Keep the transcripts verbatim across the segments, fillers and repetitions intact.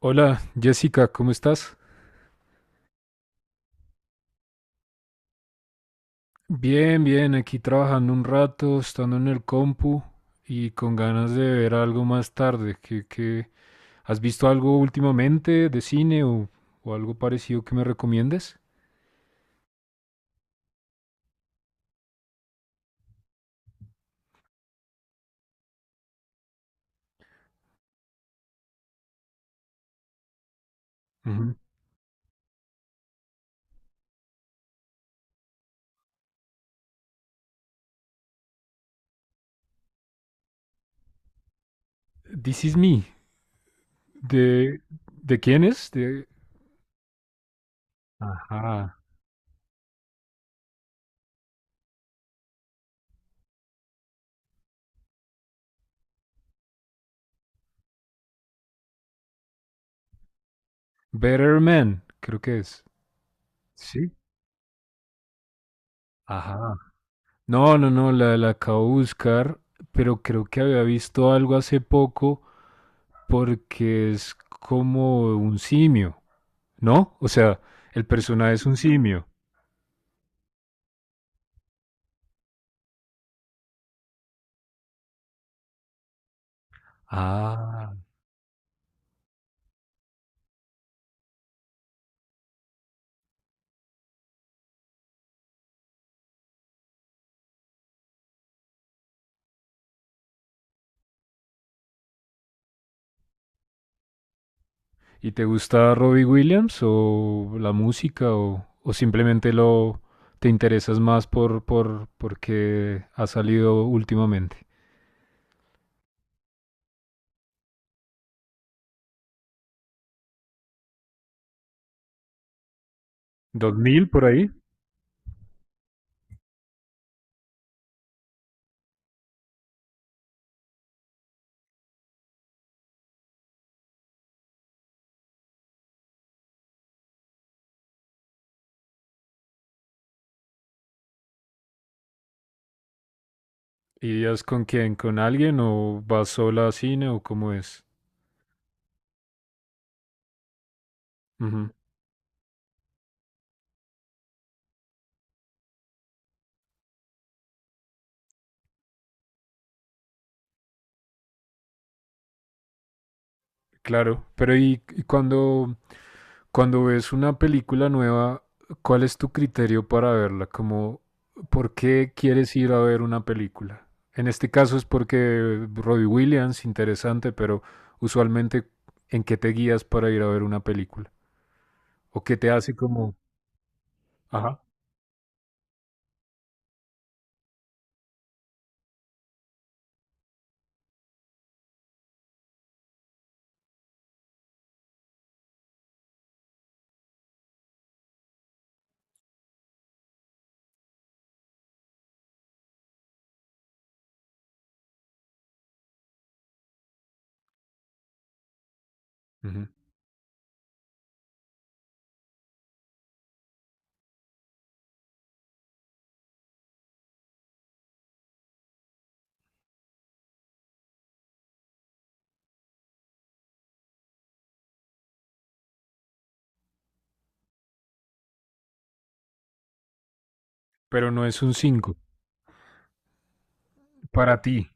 Hola, Jessica, ¿cómo estás? Bien, bien, aquí trabajando un rato, estando en el compu y con ganas de ver algo más tarde. ¿Qué, qué- has visto algo últimamente de cine o, o algo parecido que me recomiendes? Ujú. This is Me. ¿De, de quién es? De... Ajá. Better Man, creo que es. Sí. Ajá. No, no, no, la, la acabo de buscar, pero creo que había visto algo hace poco. Porque es como un simio, ¿no? O sea, el personaje es un simio. Ah. ¿Y te gusta Robbie Williams o la música o, o simplemente lo te interesas más por, por porque ha salido últimamente? ¿Dos mil por ahí? ¿Irías con quién? ¿Con alguien o vas sola a cine o cómo es? Claro, pero y, y cuando, cuando ves una película nueva, ¿cuál es tu criterio para verla? Como, ¿por qué quieres ir a ver una película? En este caso es porque Robbie Williams, interesante, pero usualmente, ¿en qué te guías para ir a ver una película? ¿O qué te hace como, ajá, ujú, pero no es un cinco para ti?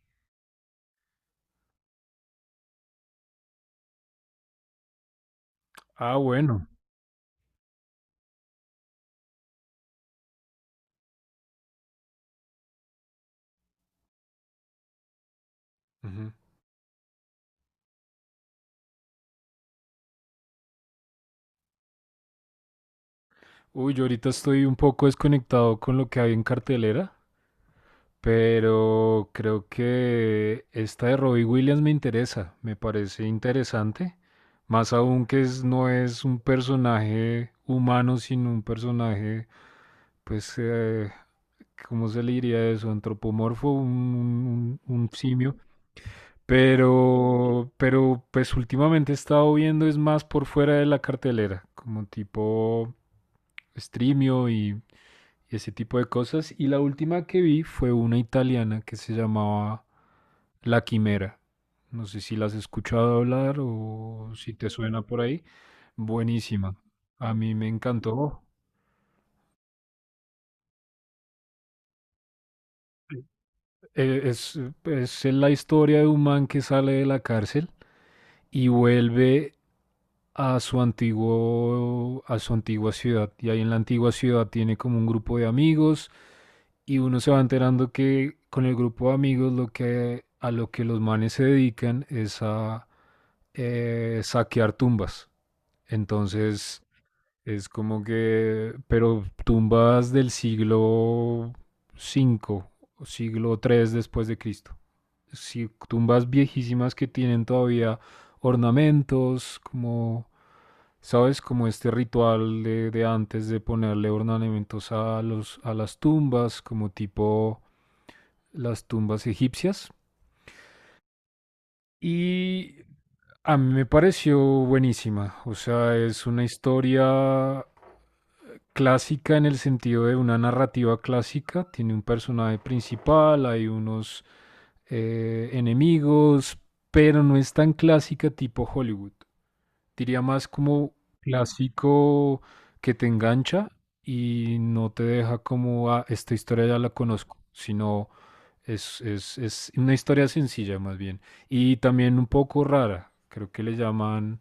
Ah, bueno. Ujú. Uy, yo ahorita estoy un poco desconectado con lo que hay en cartelera. Pero creo que esta de Robbie Williams me interesa, me parece interesante. Más aún que es- no es un personaje humano, sino un personaje, pues, eh, ¿cómo se le diría eso? Antropomorfo, un, un- un simio. Pero, pero, pues últimamente he estado viendo es más por fuera de la cartelera, como tipo Streamio y, y ese tipo de cosas. Y la última que vi fue una italiana que se llamaba la Quimera. No sé si las has escuchado hablar o si te suena por ahí. Buenísima. A mí me encantó. Eh, Es, es la historia de un man que sale de la cárcel y vuelve a su antiguo, a su antigua ciudad. Y ahí en la antigua ciudad tiene como un grupo de amigos y uno se va enterando que con el grupo de amigos lo que, a lo que los manes se dedican es a eh, saquear tumbas. Entonces, es como que, pero tumbas del siglo cinco o siglo tres después de Cristo. Sí, tumbas viejísimas que tienen todavía ornamentos, como, ¿sabes? Como este ritual de, de antes de ponerle ornamentos a, los, a las tumbas, como tipo las tumbas egipcias, y a mí me pareció buenísima. O sea, es una historia clásica en el sentido de una narrativa clásica. Tiene un personaje principal, hay unos eh, enemigos, pero no es tan clásica tipo Hollywood. Diría más como clásico que te engancha y no te deja como, ah, esta historia ya la conozco, sino es, es, es una historia sencilla más bien. Y también un poco rara. Creo que le llaman,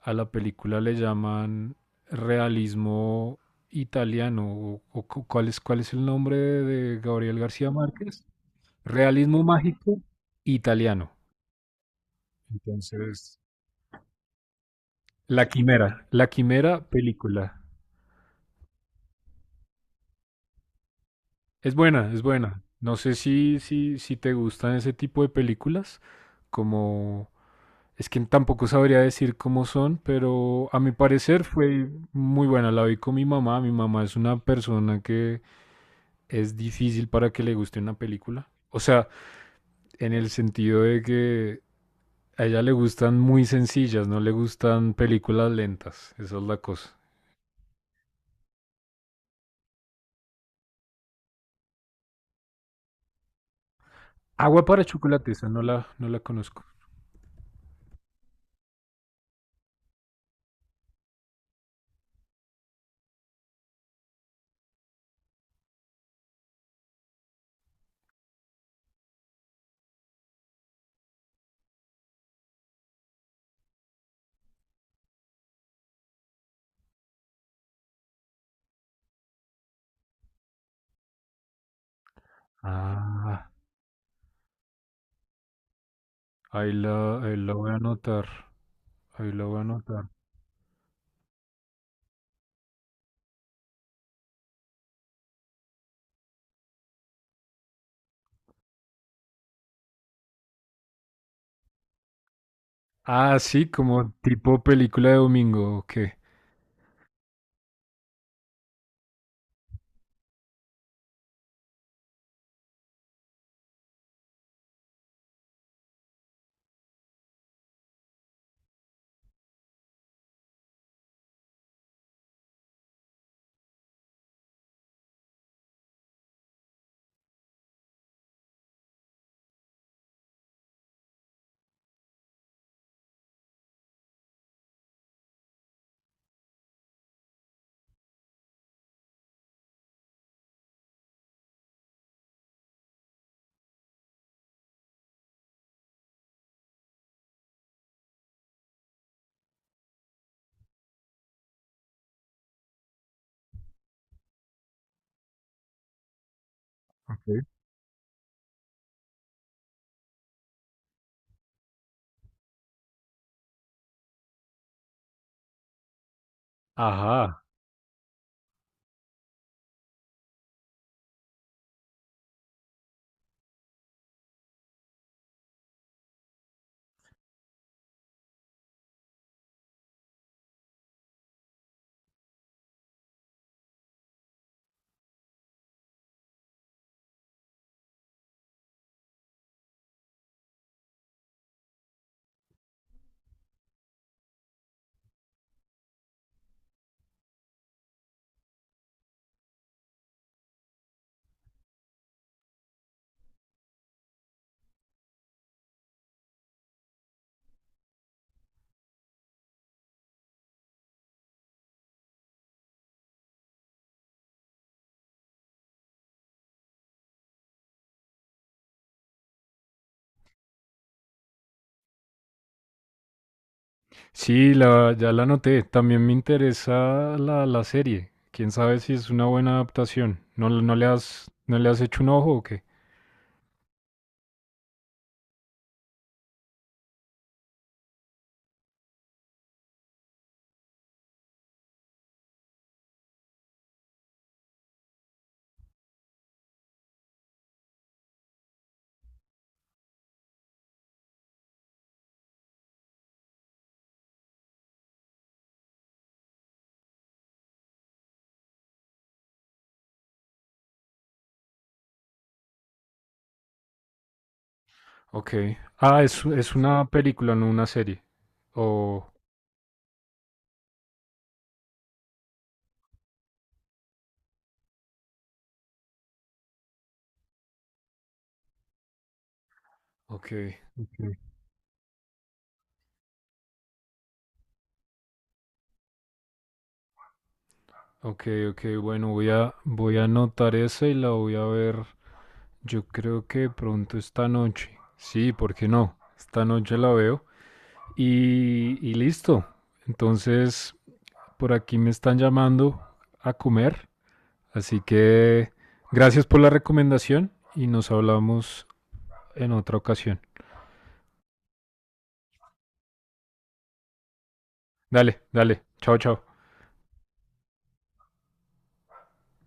a la película le llaman realismo italiano. O, o cu- ¿cuál es, cuál es el nombre de, de Gabriel García Márquez? Realismo mágico italiano. Entonces, La Quimera. La Quimera, película. Es buena, es buena. No sé si, si, si te gustan ese tipo de películas, como, es que tampoco sabría decir cómo son, pero a mi parecer fue muy buena. La vi con mi mamá. Mi mamá es una persona que es difícil para que le guste una película. O sea, en el sentido de que a ella le gustan muy sencillas, no le gustan películas lentas. Esa es la cosa. Agua para chocolate, esa no la, no la conozco. Ah, ahí la, ahí la voy a anotar. Ahí la voy a anotar. Ah, sí, como tipo película de domingo, ¿o qué? Ok. Ajá. Sí, la, ya la noté. También me interesa la, la serie. Quién sabe si es una buena adaptación. ¿No, no le has, no le has hecho un ojo o qué? Ok. Ah, es, es una película, no una serie. Oh, ok. Ok, ok, ok, bueno, voy a, voy a anotar esa y la voy a ver. Yo creo que pronto esta noche. Sí, ¿por qué no? Esta noche la veo. Y, y listo. Entonces, por aquí me están llamando a comer. Así que gracias por la recomendación y nos hablamos en otra ocasión. Dale, dale. Chao, chao.